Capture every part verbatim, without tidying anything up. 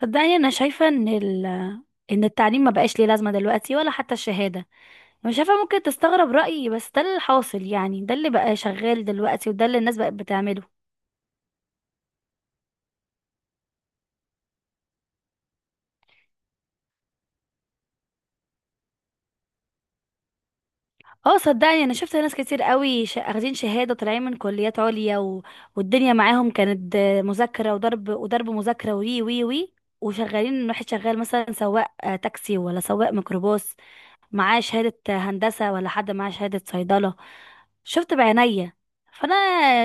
صدقني انا شايفه ان ال... ان التعليم ما بقاش ليه لازمه دلوقتي ولا حتى الشهاده. انا شايفه ممكن تستغرب رايي، بس ده اللي حاصل، يعني ده اللي بقى شغال دلوقتي وده اللي الناس بقت بتعمله. اه صدقني انا شفت ناس كتير قوي ش... اخدين شهاده، طالعين من كليات عليا، و... والدنيا معاهم كانت آه، مذاكره وضرب وضرب مذاكره، وي وي وي، وشغالين. واحد شغال مثلا سواق آه، تاكسي، ولا سواق ميكروباص، معاه شهادة هندسة، ولا حد معاه شهادة صيدلة. شفت بعينيا. فانا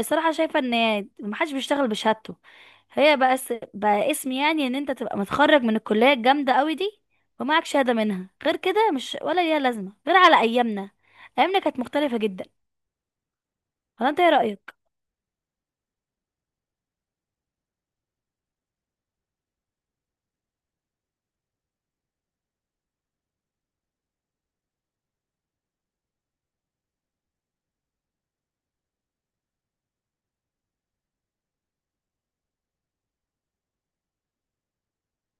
صراحة شايفة ان محدش بيشتغل بشهادته، هي بقى اس... بقى اسم، يعني ان انت تبقى متخرج من الكلية الجامدة قوي دي ومعك شهادة منها، غير كده مش ولا ليها لازمة غير على ايامنا. ايامنا كانت مختلفة جدا، ولا انت ايه رأيك؟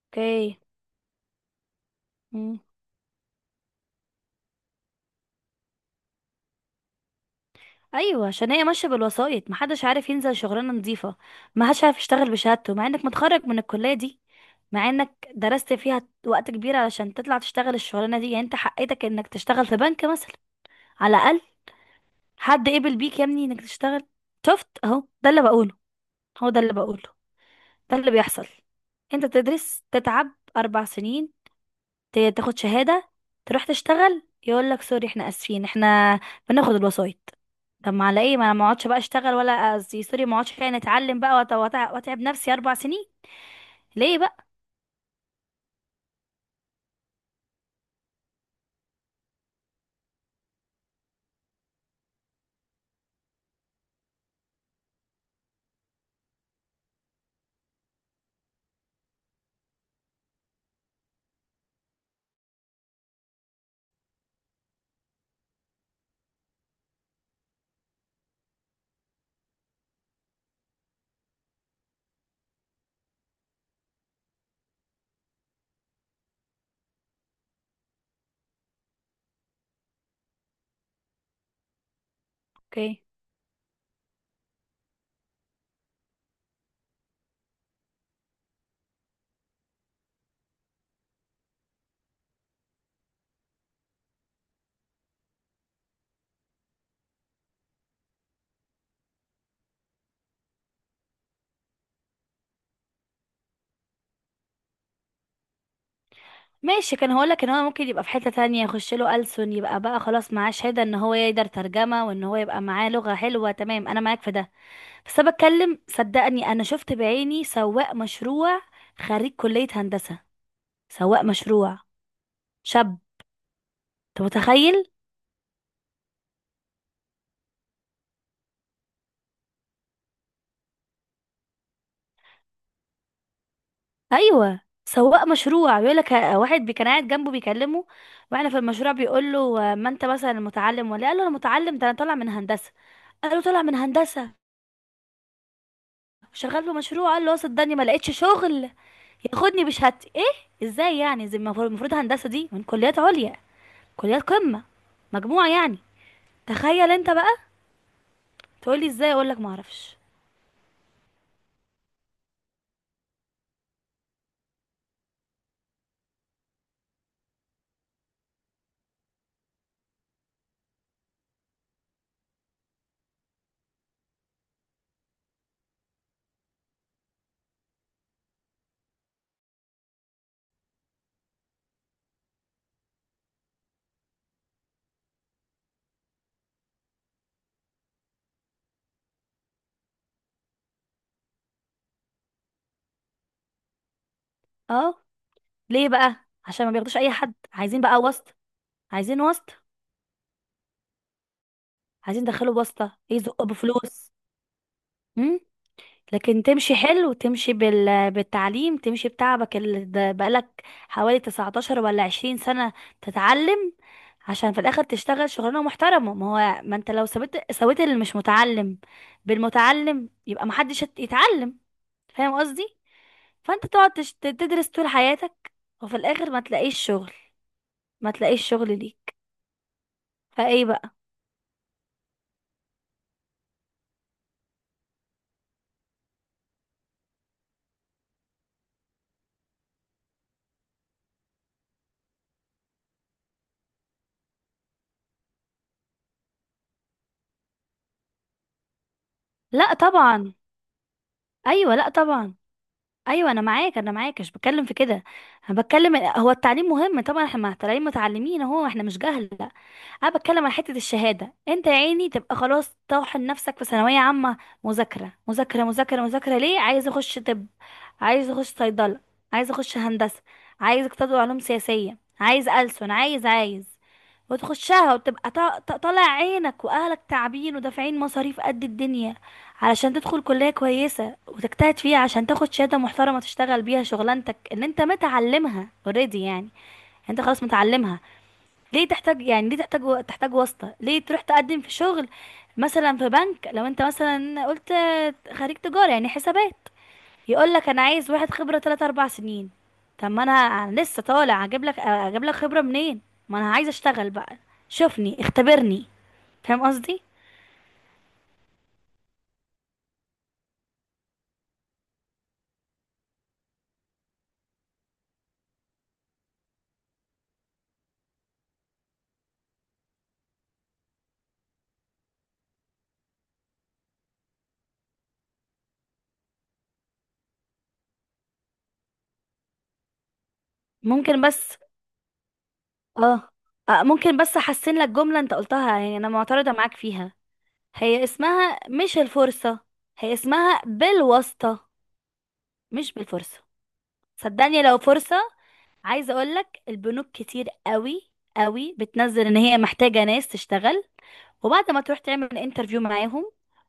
اوكي. ايوه، عشان هي ماشيه بالوسائط، محدش عارف ينزل شغلانه نظيفه، محدش عارف يشتغل بشهادته، مع انك متخرج من الكليه دي، مع انك درست فيها وقت كبير علشان تطلع تشتغل الشغلانه دي، يعني انت حقيتك انك تشتغل في بنك مثلا، على الاقل. حد قبل بيك يا ابني انك تشتغل؟ شفت اهو، ده اللي بقوله، هو ده اللي بقوله، ده اللي بيحصل. انت تدرس، تتعب اربع سنين، ت- تاخد شهادة، تروح تشتغل، يقول لك سوري احنا اسفين، احنا بناخد الوسايط. طب ما على ايه؟ ما انا ما اقعدش بقى اشتغل، ولا قصدي سوري، ما اقعدش يعني اتعلم بقى وأت- وأت- واتعب نفسي اربع سنين، ليه بقى؟ اوكي. ماشي، كان هقول لك ان هو ممكن يبقى في حتة تانية، يخش له ألسن، يبقى بقى خلاص معاه شهادة ان هو يقدر ترجمة، وان هو يبقى معاه لغة حلوة، تمام، انا معاك في ده. بس انا بتكلم، صدقني انا شفت بعيني سواق مشروع، خريج كلية هندسة، سواق مشروع، شاب، انت متخيل؟ ايوه، سواق مشروع، بيقول لك واحد بي- كان قاعد جنبه بيكلمه، واحنا في المشروع، بيقول له آه، ما انت مثلا متعلم ولا إيه؟ قال له انا متعلم، ده انا طالع من هندسه. قال له طالع من هندسه، شغال في مشروع؟ قال له اه صدقني ما لقيتش شغل ياخدني بشهادتي. ايه ازاي يعني؟ زي المفروض، المفروض هندسه دي من كليات عليا، كليات قمه، مجموعه يعني. تخيل انت بقى. تقولي ازاي؟ اقول لك ما اعرفش. اه. ليه بقى؟ عشان ما بياخدوش اي حد، عايزين بقى واسطه، عايزين واسطه، عايزين يدخلوا بواسطه، يزقوا بفلوس. لكن تمشي حلو، تمشي بال... بالتعليم، تمشي بتعبك اللي ده بقالك حوالي تسعة عشر ولا عشرين سنة تتعلم، عشان في الاخر تشتغل شغلانة محترمة. ما هو ما انت لو سويت سويت اللي مش متعلم بالمتعلم، يبقى محدش هت- يتعلم، فاهم قصدي؟ فانت تقعد تش- تدرس طول حياتك، وفي الاخر ما تلاقيش شغل، ما تلاقيش شغل ليك، فايه بقى؟ لا طبعا. ايوه لا طبعا. ايوه، انا معاك، انا معاك، مش بتكلم في كده. انا بتكلم، هو التعليم مهم طبعا، احنا مع- طالعين متعلمين اهو، احنا مش جهل، لا. انا بتكلم على حته الشهاده، انت يا عيني تبقى خلاص طاحن نفسك في ثانويه عامه، مذاكره مذاكره مذاكره مذاكره، ليه؟ عايز اخش طب، عايز اخش صيدله، عايز اخش هندسه، عايز اقتصاد وعلوم سياسيه، عايز ألسن، عايز عايز. وتخشها، وتبقى طا- طا- طالع عينك، واهلك تعبين ودافعين مصاريف قد الدنيا علشان تدخل كلية كويسة وتجتهد فيها عشان تاخد شهادة محترمة تشتغل بيها شغلانتك ان انت متعلمها، اوريدي يعني. انت خلاص متعلمها، ليه تحتاج يعني؟ ليه تحتاج و- تحتاج واسطة؟ ليه تروح تقدم في شغل مثلا في بنك، لو انت مثلا قلت خريج تجارة يعني حسابات، يقول لك انا عايز واحد خبره تلاته اربع سنين؟ طب ما انا أنا لسه طالع، اجيب لك اجيب لك خبره منين؟ ما انا عايز اشتغل بقى، شوفني، اختبرني، فاهم قصدي؟ ممكن بس اه آه، ممكن بس احسن لك جمله انت قلتها، يعني انا معترضه معاك فيها. هي اسمها مش الفرصه، هي اسمها بالواسطه، مش بالفرصه. صدقني، لو فرصه، عايزه اقول لك البنوك كتير قوي قوي بتنزل ان هي محتاجه ناس تشتغل، وبعد ما تروح تعمل انترفيو معاهم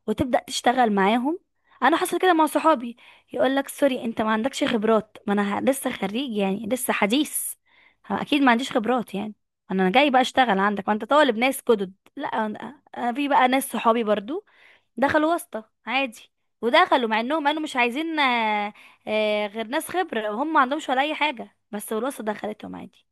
وتبدأ تشتغل معاهم، انا حصل كده مع صحابي، يقول لك سوري انت ما عندكش خبرات. ما انا ه- لسه خريج يعني، لسه حديث، ه- اكيد ما عنديش خبرات يعني. انا أنا جاي بقى اشتغل عندك، ما انت طالب ناس جدد، لا. انا أنا في بقى ناس صحابي برضو دخلوا واسطة عادي، ودخلوا مع انهم قالوا مش عايزين آه، آه، غير ناس خبرة، وهم ما عندهمش ولا اي حاجة، بس الواسطة دخلتهم عادي.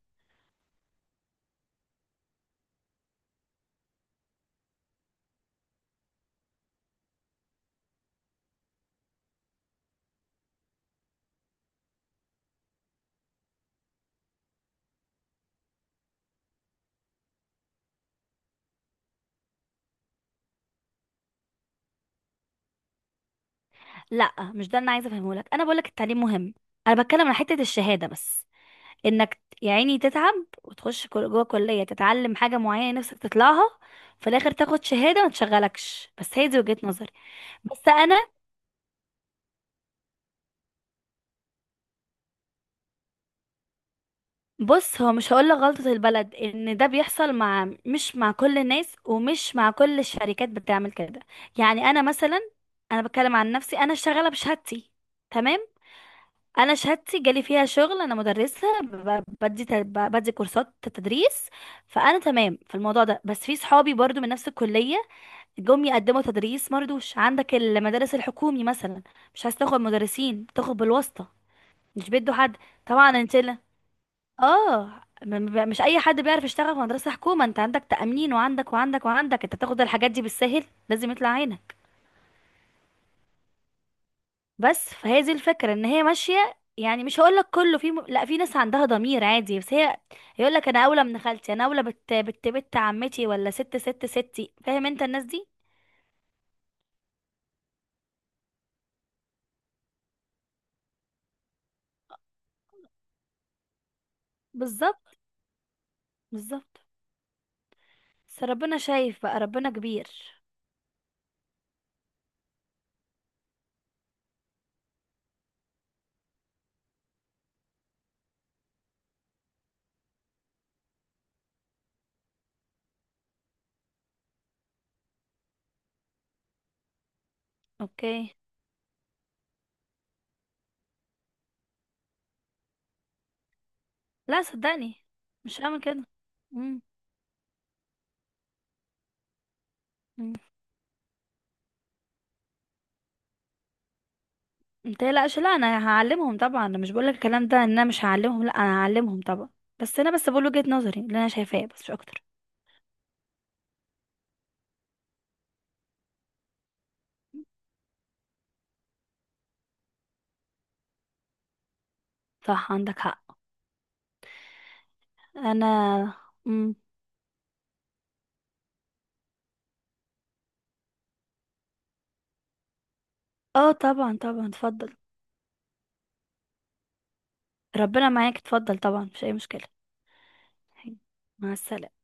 لا، مش ده اللي انا عايزه افهمه لك، انا بقول لك التعليم مهم، انا بتكلم عن حته الشهاده بس، انك يا عيني تتعب وتخش كل- جوه كلية تتعلم حاجة معينة نفسك تطلعها، في الاخر تاخد شهادة ما تشغلكش، بس هي دي وجهة نظري. بس انا بص، هو مش هقول لك غلطة البلد، ان ده بيحصل مع مش مع كل الناس، ومش مع كل الشركات بتعمل كده، يعني انا مثلا، انا بتكلم عن نفسي، انا شغالة بشهادتي، تمام، انا شهادتي جالي فيها شغل، انا مدرسة، ب- بدي ت- بدي كورسات تدريس، فانا تمام في الموضوع ده. بس في صحابي برضو من نفس الكلية جم يقدموا تدريس مرضوش، عندك المدارس الحكومي مثلا، مش عايز تاخد مدرسين، تاخد بالواسطة، مش بيدوا حد. طبعا انت لا. اه، م- م- مش اي حد بيعرف يشتغل في مدرسة حكومة، انت عندك تأمين وعندك وعندك وعندك، انت تاخد الحاجات دي بالسهل؟ لازم يطلع عينك. بس فهي دي الفكرة، ان هي ماشية يعني، مش هقول لك كله في م... لا، في ناس عندها ضمير عادي، بس هي يقول لك انا اولى من خالتي، انا اولى بت بت بت عمتي، ولا ست ست ستي، فاهم انت الناس دي؟ بالظبط، بالظبط، بس ربنا شايف بقى، ربنا كبير. اوكي، لا صدقني، مش هعمل كده. مم. مم. انت لا لا، انا هعلمهم طبعا، انا مش بقولك الكلام ده ان انا مش هعلمهم، لا انا هعلمهم طبعا، بس انا بس بقول وجهة نظري اللي انا شايفاه، بس مش اكتر. صح، عندك حق. انا. مم. اه طبعا طبعا اتفضل. ربنا معاك اتفضل طبعا، مش اي مشكلة. مع السلامة.